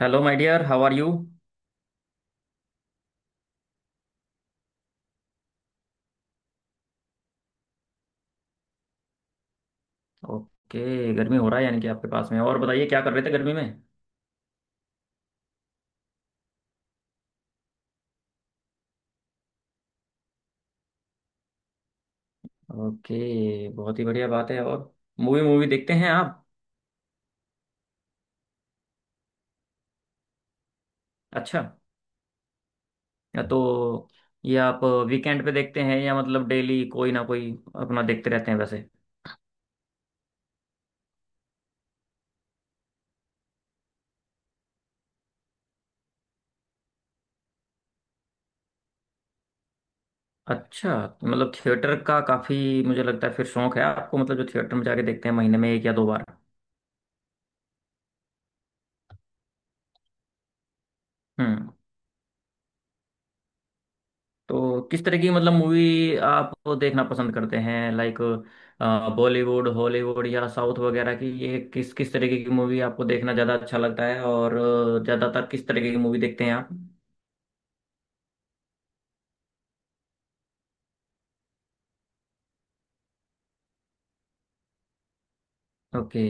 Hello my dear how are you. Okay. गर्मी हो रहा है यानी कि आपके पास में। और बताइए, क्या कर रहे थे गर्मी में? ओके, बहुत ही बढ़िया बात है। और मूवी मूवी देखते हैं आप? अच्छा। या तो ये आप वीकेंड पे देखते हैं, या मतलब डेली कोई ना कोई अपना देखते रहते हैं वैसे? अच्छा, तो मतलब थिएटर का काफी, मुझे लगता है, फिर शौक है आपको। मतलब जो थिएटर में जाके देखते हैं महीने में एक या दो बार। हम्म। तो किस तरह की मतलब मूवी आप देखना पसंद करते हैं? लाइक, बॉलीवुड, हॉलीवुड या साउथ वगैरह की? ये किस किस तरीके की मूवी आपको देखना ज़्यादा अच्छा लगता है? और ज़्यादातर किस तरीके की मूवी देखते हैं आप? ओके।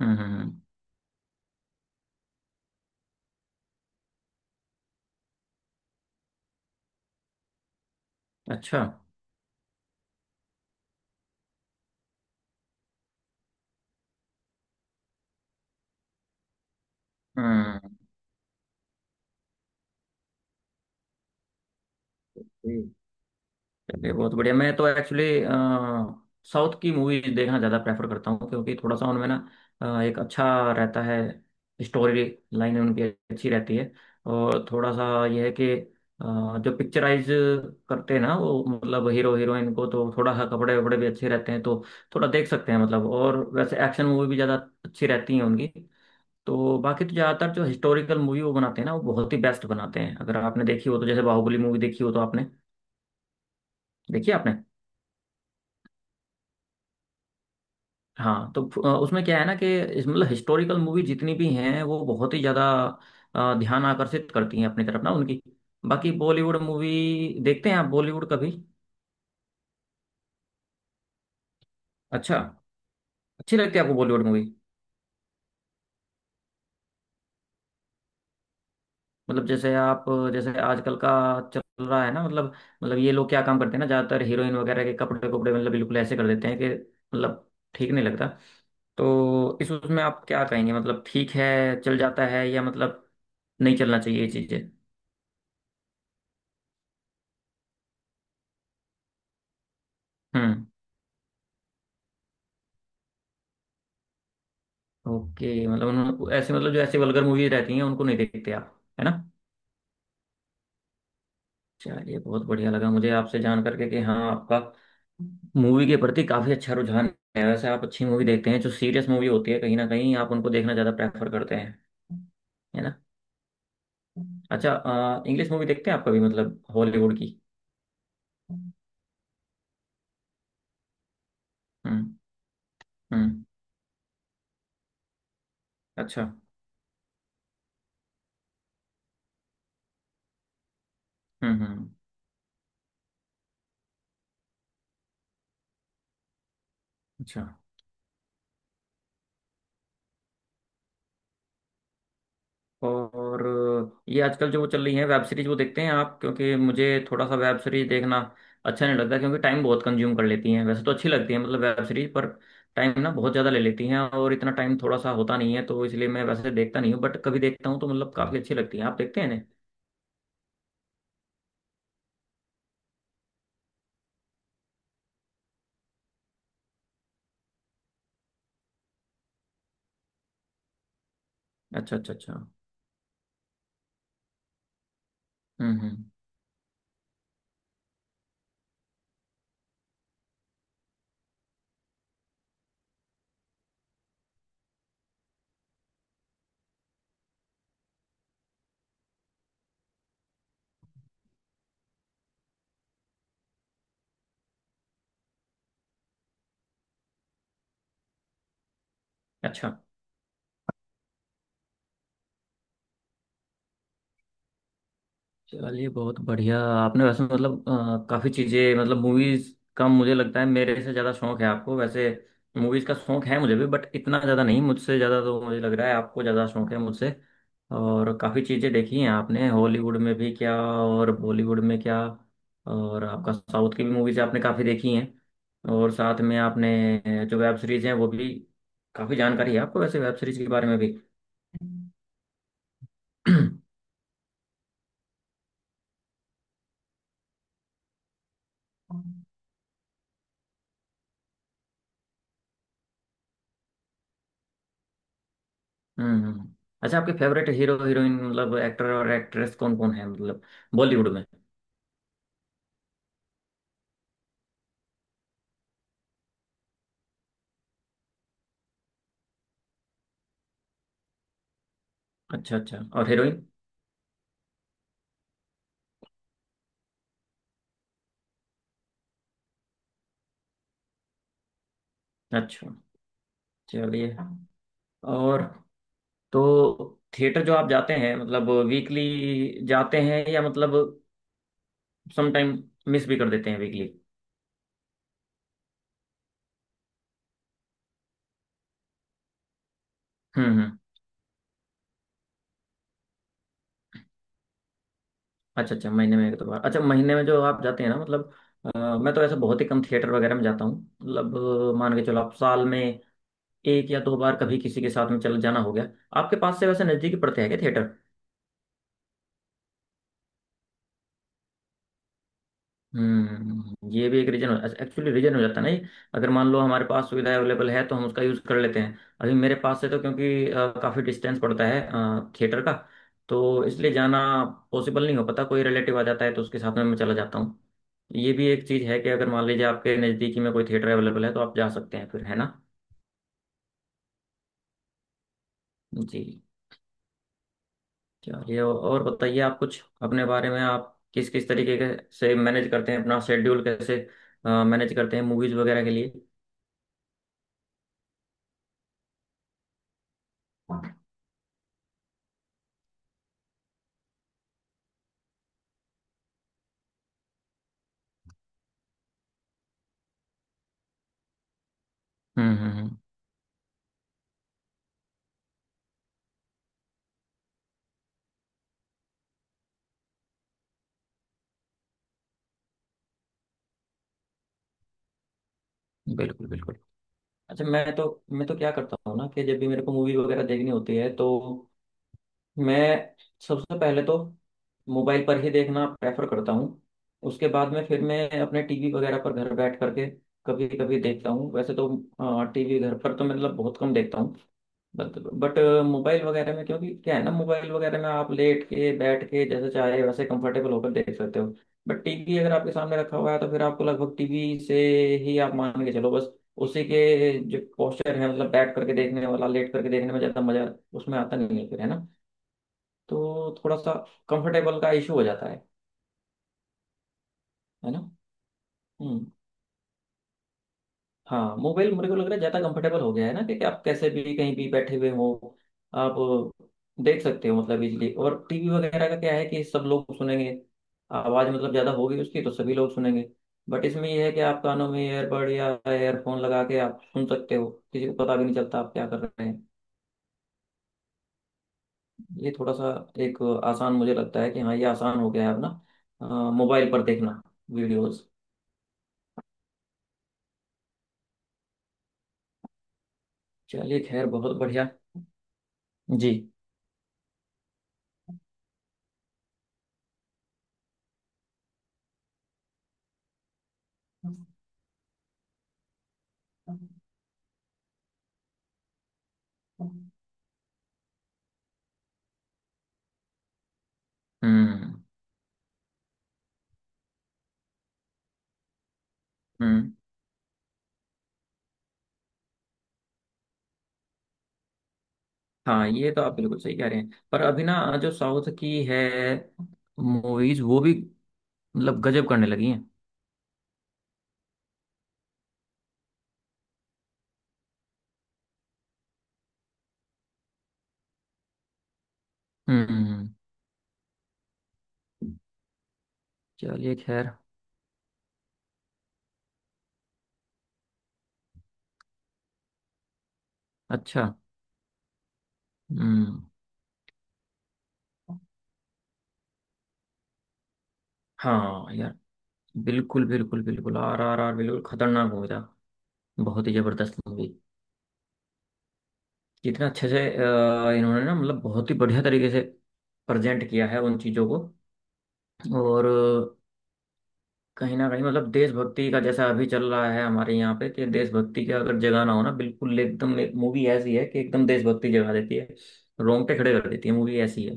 हम्म। अच्छा। हम्म। चलिए, बहुत बढ़िया। मैं तो एक्चुअली साउथ की मूवीज देखना ज़्यादा प्रेफर करता हूँ, क्योंकि थोड़ा सा उनमें ना एक अच्छा रहता है, स्टोरी लाइन उनकी अच्छी रहती है। और थोड़ा सा यह है कि जो पिक्चराइज करते हैं ना वो मतलब हीरो हीरोइन को तो थोड़ा सा कपड़े वपड़े भी अच्छे रहते हैं, तो थोड़ा देख सकते हैं मतलब। और वैसे एक्शन मूवी भी ज़्यादा अच्छी रहती हैं उनकी। तो बाकी तो ज़्यादातर जो हिस्टोरिकल मूवी वो बनाते हैं ना, वो बहुत ही बेस्ट बनाते हैं। अगर आपने देखी हो तो, जैसे बाहुबली मूवी देखी हो तो आपने? देखी है आपने? हाँ तो उसमें क्या है ना कि इस मतलब हिस्टोरिकल मूवी जितनी भी हैं वो बहुत ही ज़्यादा ध्यान आकर्षित करती हैं अपनी तरफ ना उनकी। बाकी बॉलीवुड मूवी देखते हैं आप, बॉलीवुड कभी? अच्छा, अच्छी लगती है आपको बॉलीवुड मूवी? मतलब जैसे आप, जैसे आजकल का चल रहा है ना मतलब ये लोग क्या काम करते हैं ना, ज़्यादातर हीरोइन वगैरह के कपड़े कपड़े मतलब बिल्कुल ऐसे कर देते हैं कि मतलब ठीक नहीं लगता। तो इस उसमें आप क्या कहेंगे? मतलब ठीक है, चल जाता है? या मतलब नहीं चलना चाहिए ये चीज़ें? हम्म। ओके, मतलब उन्होंने ऐसे, मतलब जो ऐसी वल्गर मूवीज रहती हैं उनको नहीं देखते आप, है ना? चलिए बहुत बढ़िया लगा मुझे आपसे जान करके कि हाँ, आपका मूवी के प्रति काफी अच्छा रुझान है। वैसे आप अच्छी मूवी देखते हैं, जो सीरियस मूवी होती है, कहीं ना कहीं आप उनको देखना ज्यादा प्रेफर करते हैं, है ना? अच्छा, इंग्लिश मूवी देखते हैं आप कभी? मतलब हॉलीवुड की? हम्म हम्म। अच्छा। हम्म। अच्छा। और ये आजकल जो वो चल रही है वेब सीरीज, वो देखते हैं आप? क्योंकि मुझे थोड़ा सा वेब सीरीज देखना अच्छा नहीं लगता, क्योंकि टाइम बहुत कंज्यूम कर लेती हैं। वैसे तो अच्छी लगती है मतलब वेब सीरीज, पर टाइम ना बहुत ज़्यादा ले लेती हैं, और इतना टाइम थोड़ा सा होता नहीं है, तो इसलिए मैं वैसे देखता नहीं हूँ, बट कभी देखता हूँ तो मतलब काफ़ी अच्छी लगती है। आप देखते हैं ना? अच्छा, अच्छा, अच्छा। हम्म। अच्छा। चलिए बहुत बढ़िया। आपने वैसे मतलब काफ़ी चीज़ें, मतलब मूवीज़ का, मुझे लगता है मेरे से ज़्यादा शौक है आपको। वैसे मूवीज़ का शौक है मुझे भी, बट इतना ज़्यादा नहीं। मुझसे ज़्यादा, तो मुझे लग रहा है आपको ज़्यादा शौक है मुझसे। और काफ़ी चीज़ें देखी हैं आपने, हॉलीवुड में भी क्या और बॉलीवुड में क्या, और आपका साउथ की भी मूवीज़ आपने काफ़ी देखी हैं, और साथ में आपने जो वेब सीरीज़ हैं वो भी, काफ़ी जानकारी है आपको वैसे वेब सीरीज़ के बारे में भी। हम्म। अच्छा, आपके फेवरेट हीरो हीरोइन मतलब एक्टर और एक्ट्रेस कौन कौन है, मतलब बॉलीवुड में? अच्छा अच्छा। और हीरोइन? अच्छा चलिए। और तो थिएटर जो आप जाते हैं मतलब वीकली जाते हैं, या मतलब समटाइम मिस भी कर देते हैं वीकली? हम्म। अच्छा अच्छा, महीने में एक दो बार। अच्छा, महीने में जो आप जाते हैं ना मतलब, अ, मैं तो ऐसे बहुत ही कम थिएटर वगैरह में जाता हूँ। मतलब मान के चलो आप साल में एक या दो बार कभी किसी के साथ में चल जाना हो गया। आपके पास से वैसे नज़दीकी पड़ते हैं क्या थिएटर? हम्म, ये भी एक रीजन हो, एक्चुअली रीजन हो जाता है ना ये। अगर मान लो हमारे पास सुविधा अवेलेबल है तो हम उसका यूज़ कर लेते हैं। अभी मेरे पास से तो क्योंकि काफ़ी डिस्टेंस पड़ता है थिएटर का, तो इसलिए जाना पॉसिबल नहीं हो पाता। कोई रिलेटिव आ जाता है तो उसके साथ में मैं चला जाता हूँ। ये भी एक चीज़ है कि अगर मान लीजिए आपके नज़दीकी में कोई थिएटर अवेलेबल है तो आप जा सकते हैं फिर, है ना? जी। चलिए और बताइए, आप कुछ अपने बारे में, आप किस किस तरीके के से मैनेज करते हैं अपना शेड्यूल? कैसे मैनेज करते हैं मूवीज़ वगैरह के लिए? हम्म हम्म हम्म। बिल्कुल बिल्कुल। अच्छा, मैं तो क्या करता हूँ ना कि जब भी मेरे को मूवी वगैरह देखनी होती है तो मैं सबसे पहले तो मोबाइल पर ही देखना प्रेफर करता हूँ। उसके बाद में फिर मैं अपने टीवी वगैरह पर घर बैठ करके कभी कभी देखता हूँ। वैसे तो टीवी घर पर तो मतलब बहुत कम देखता हूँ, बट मोबाइल वगैरह में, क्योंकि क्या है ना, मोबाइल वगैरह में आप लेट के बैठ के जैसे चाहे वैसे कंफर्टेबल होकर देख सकते हो। बट टीवी अगर आपके सामने रखा हुआ है तो फिर आपको लगभग टीवी से ही, आप मान के चलो, बस उसी के जो पोस्चर है मतलब बैठ करके देखने वाला, लेट करके देखने में ज्यादा मजा उसमें आता नहीं है फिर, है ना? तो थोड़ा सा कंफर्टेबल का इशू हो जाता है। है ना। हम्म। हाँ, मोबाइल मेरे को लग रहा है ज़्यादा कंफर्टेबल हो गया है ना कि आप कैसे भी कहीं भी बैठे हुए हो, आप देख सकते हो मतलब इजीली। और टीवी वगैरह का क्या है कि सब लोग सुनेंगे, आवाज़ मतलब ज़्यादा होगी उसकी, तो सभी लोग सुनेंगे। बट इसमें यह है कि आप कानों में ईयरबड या एयरफोन लगा के आप सुन सकते हो, किसी को पता भी नहीं चलता आप क्या कर रहे हैं। ये थोड़ा सा एक आसान, मुझे लगता है कि हाँ, ये आसान हो गया है अपना मोबाइल पर देखना वीडियोस। चलिए खैर, बहुत बढ़िया। जी। हम्म हम्म। हाँ ये तो आप बिल्कुल सही कह रहे हैं, पर अभी ना जो साउथ की है मूवीज वो भी मतलब गजब करने लगी हैं। हम्म। चलिए खैर। अच्छा। हम्म। हाँ यार। बिल्कुल बिल्कुल बिल्कुल, RRR बिल्कुल खतरनाक मूवी था। बहुत ही जबरदस्त मूवी। जितना अच्छे से इन्होंने ना मतलब बहुत ही बढ़िया तरीके से प्रेजेंट किया है उन चीज़ों को। और कहीं ना कहीं मतलब देशभक्ति का, जैसा अभी चल रहा है हमारे यहाँ पे कि देशभक्ति का अगर जगाना हो ना बिल्कुल, एकदम एक मूवी ऐसी है कि एकदम देशभक्ति जगा देती है। रोंगटे खड़े कर देती है, मूवी ऐसी है।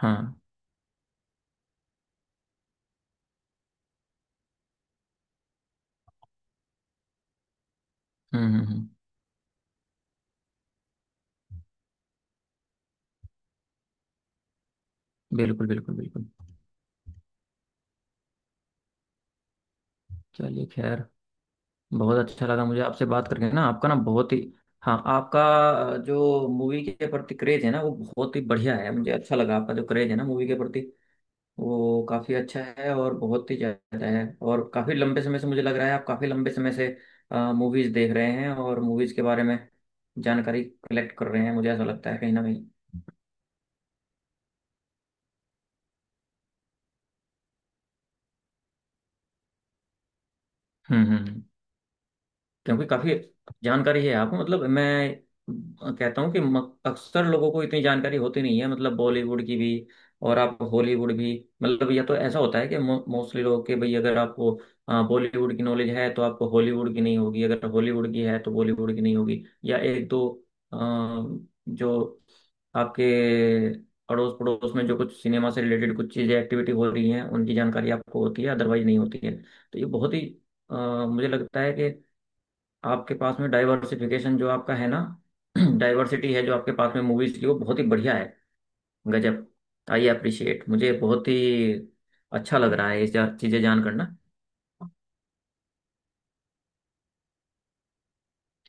हाँ। हम्म। बिल्कुल बिल्कुल बिल्कुल। चलिए खैर। बहुत अच्छा लगा मुझे आपसे बात करके ना, आपका ना बहुत ही, हाँ आपका जो मूवी के प्रति क्रेज है ना वो बहुत ही बढ़िया है। मुझे अच्छा लगा आपका, जो क्रेज है ना मूवी के प्रति वो काफ़ी अच्छा है और बहुत ही ज़्यादा है। और काफ़ी लंबे समय से, मुझे लग रहा है आप काफ़ी लंबे समय से मूवीज़ देख रहे हैं और मूवीज़ के बारे में जानकारी कलेक्ट कर रहे हैं, मुझे ऐसा लगता है कहीं ना कहीं। हम्म हम्म। क्योंकि काफी जानकारी है आपको, मतलब मैं कहता हूँ कि अक्सर लोगों को इतनी जानकारी होती नहीं है, मतलब बॉलीवुड की भी और आप हॉलीवुड भी। मतलब या तो ऐसा होता है कि मोस्टली लोग के, भाई अगर आपको बॉलीवुड की नॉलेज है तो आपको हॉलीवुड की नहीं होगी, अगर हॉलीवुड की है तो बॉलीवुड की नहीं होगी। या एक दो अ, जो आपके अड़ोस पड़ोस में जो कुछ सिनेमा से रिलेटेड कुछ चीज़ें एक्टिविटी हो रही हैं, उनकी जानकारी आपको होती है, अदरवाइज नहीं होती है। तो ये बहुत ही अ, मुझे लगता है आपके पास में डाइवर्सिफिकेशन जो आपका है ना डाइवर्सिटी है जो आपके पास में मूवीज की, वो बहुत ही बढ़िया है। गजब। आई अप्रिशिएट, मुझे बहुत ही अच्छा लग रहा है ये चीज़ें जान करना।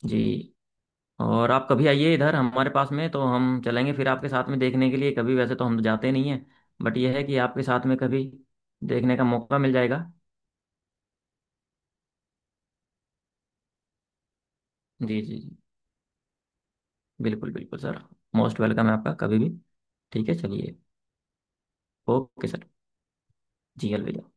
जी, और आप कभी आइए इधर हमारे पास में तो हम चलेंगे फिर आपके साथ में देखने के लिए कभी। वैसे तो हम तो जाते नहीं हैं, बट यह है कि आपके साथ में कभी देखने का मौका मिल जाएगा। जी जी जी। बिल्कुल बिल्कुल सर। मोस्ट वेलकम है आपका कभी भी। ठीक है, चलिए। Okay sir. जी, अलविदा।